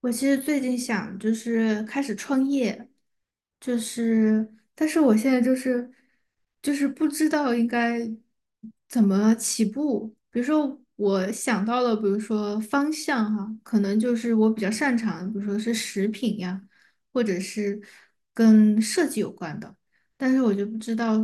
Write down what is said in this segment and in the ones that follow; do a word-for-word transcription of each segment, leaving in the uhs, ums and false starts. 我其实最近想就是开始创业，就是，但是我现在就是就是不知道应该怎么起步。比如说，我想到了，比如说方向哈，可能就是我比较擅长的比如说是食品呀，或者是跟设计有关的。但是我就不知道，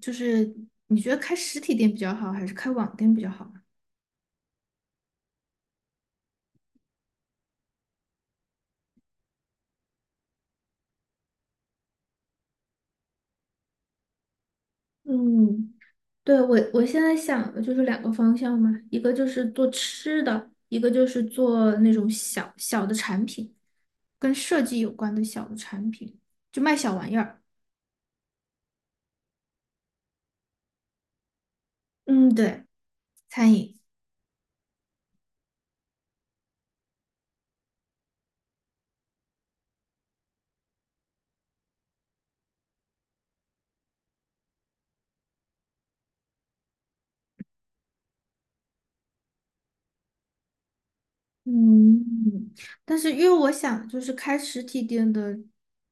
就是你觉得开实体店比较好，还是开网店比较好啊嗯。对，我我现在想的就是两个方向嘛，一个就是做吃的，一个就是做那种小小的产品，跟设计有关的小的产品，就卖小玩意儿。嗯，对，餐饮。嗯，但是因为我想就是开实体店的，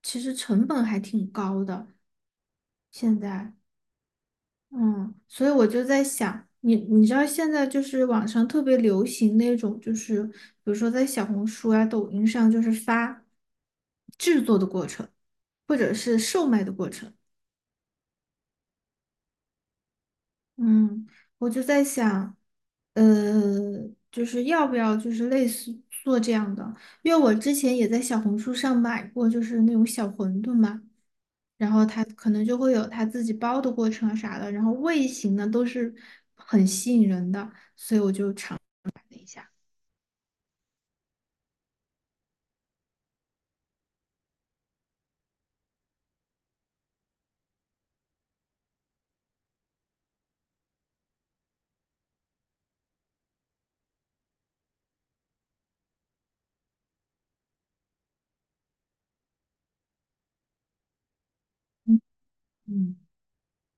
其实成本还挺高的，现在。嗯，所以我就在想，你你知道现在就是网上特别流行那种，就是比如说在小红书啊、抖音上，就是发制作的过程，或者是售卖的过程。嗯，我就在想，呃，就是要不要就是类似做这样的，因为我之前也在小红书上买过，就是那种小馄饨嘛。然后它可能就会有它自己包的过程啊啥的，然后味型呢都是很吸引人的。嗯，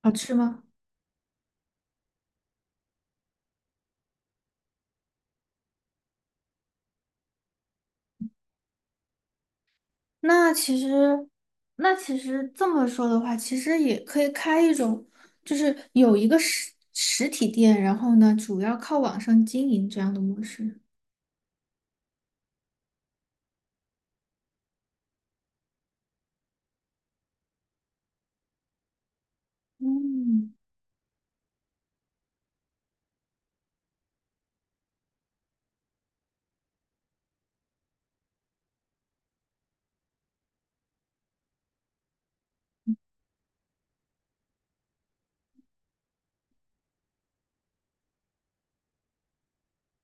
好吃吗？那其实，那其实这么说的话，其实也可以开一种，就是有一个实实体店，然后呢，主要靠网上经营这样的模式。嗯，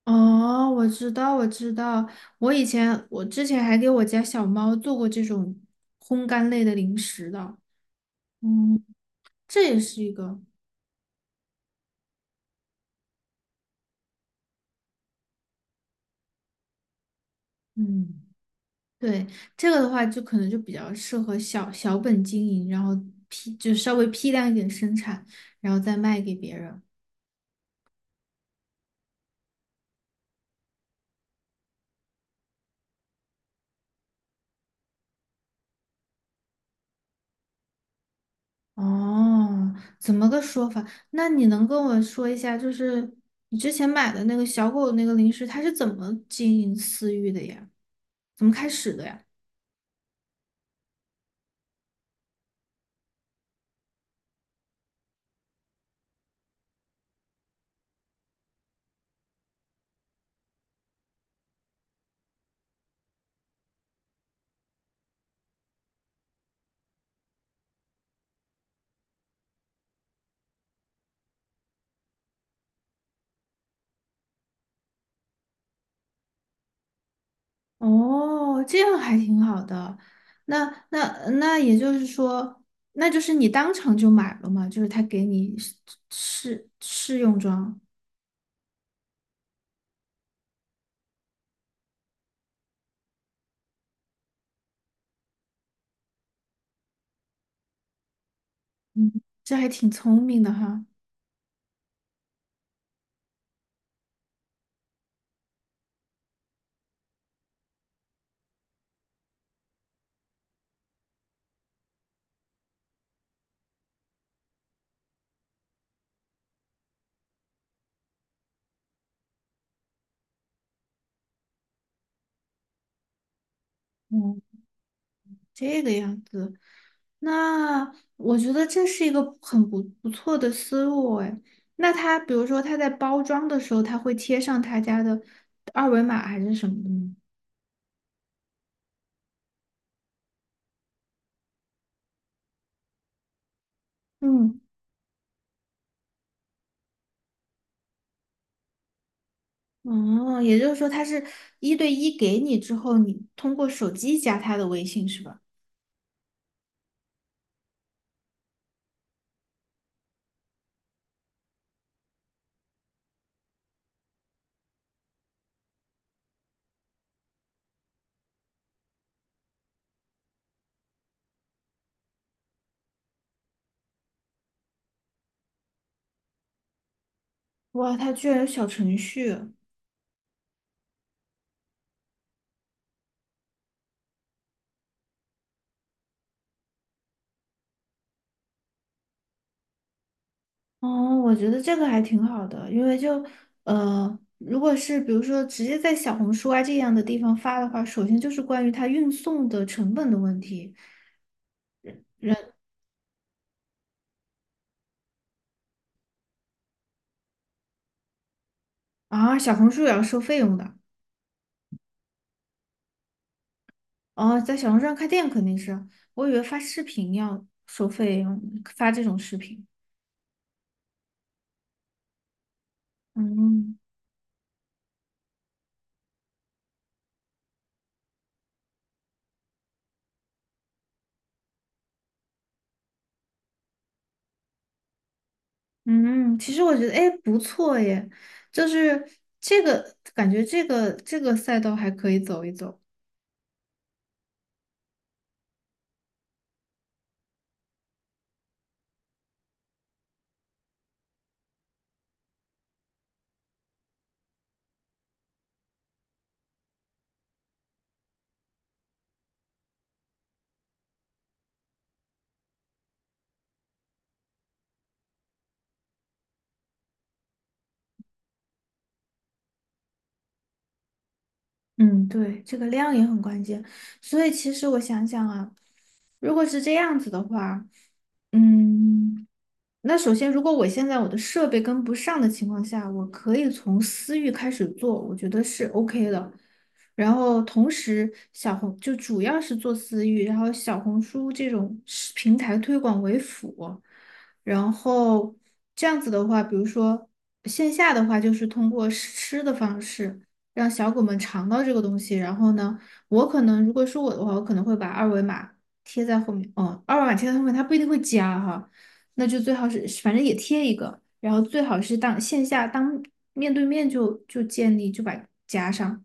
哦，我知道，我知道，我以前我之前还给我家小猫做过这种烘干类的零食的，嗯，这也是一个，嗯。对，这个的话，就可能就比较适合小小本经营，然后批就稍微批量一点生产，然后再卖给别人。哦，怎么个说法？那你能跟我说一下，就是你之前买的那个小狗那个零食，它是怎么经营私域的呀？怎么开始的呀？哦，这样还挺好的。那那那也就是说，那就是你当场就买了嘛，就是他给你试试试用装。嗯，这还挺聪明的哈。嗯，这个样子，那我觉得这是一个很不不错的思路哎。那他比如说他在包装的时候，他会贴上他家的二维码还是什么的吗？嗯，哦，也就是说他是一对一给你之后，你通过手机加他的微信是吧？哇，他居然有小程序。哦，我觉得这个还挺好的，因为就呃，如果是比如说直接在小红书啊这样的地方发的话，首先就是关于它运送的成本的问题，啊，小红书也要收费用的，哦，在小红书上开店肯定是，我以为发视频要收费用，发这种视频，嗯嗯，其实我觉得哎不错耶，就是这个感觉这个这个赛道还可以走一走。嗯，对，这个量也很关键。所以其实我想想啊，如果是这样子的话，嗯。那首先，如果我现在我的设备跟不上的情况下，我可以从私域开始做，我觉得是 O K 的。然后同时，小红就主要是做私域，然后小红书这种是平台推广为辅。然后这样子的话，比如说线下的话，就是通过试吃的方式让小狗们尝到这个东西。然后呢，我可能如果是我的话，我可能会把二维码贴在后面。哦，二维码贴在后面，它不一定会加哈。那就最好是反正也贴一个，然后最好是当线下当面对面就就建立就把加上。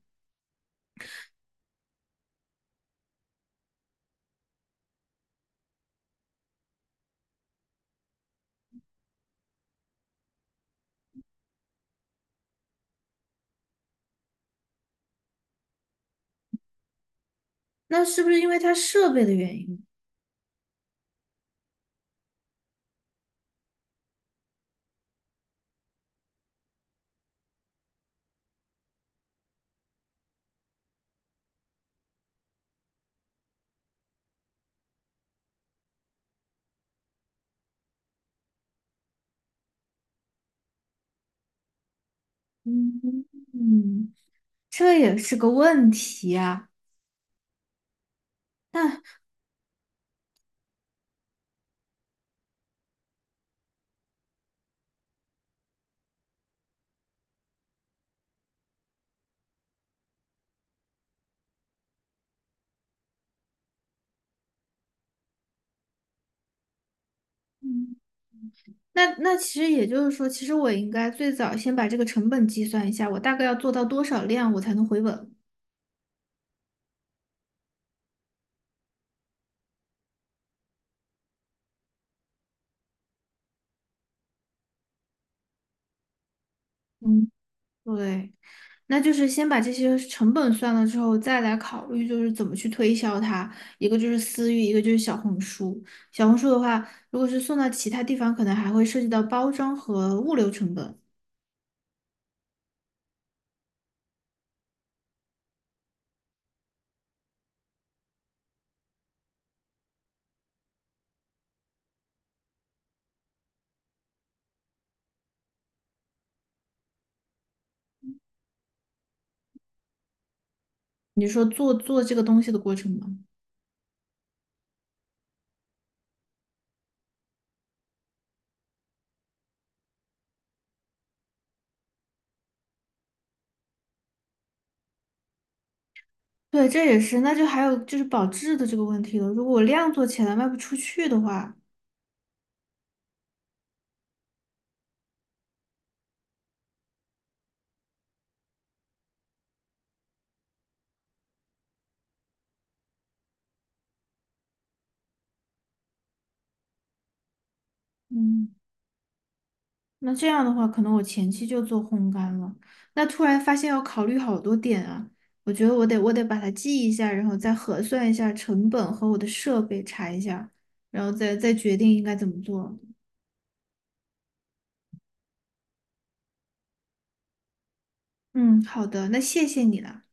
那是不是因为它设备的原因？嗯嗯，这也是个问题啊。那嗯那那其实也就是说，其实我应该最早先把这个成本计算一下，我大概要做到多少量我才能回本？嗯，对。那就是先把这些成本算了之后，再来考虑就是怎么去推销它。一个就是私域，一个就是小红书。小红书的话，如果是送到其他地方，可能还会涉及到包装和物流成本。你说做做这个东西的过程吗？对，这也是。那就还有就是保质的这个问题了。如果我量做起来卖不出去的话，嗯。那这样的话，可能我前期就做烘干了。那突然发现要考虑好多点啊，我觉得我得我得把它记一下，然后再核算一下成本和我的设备查一下，然后再再决定应该怎么做。嗯，好的，那谢谢你了。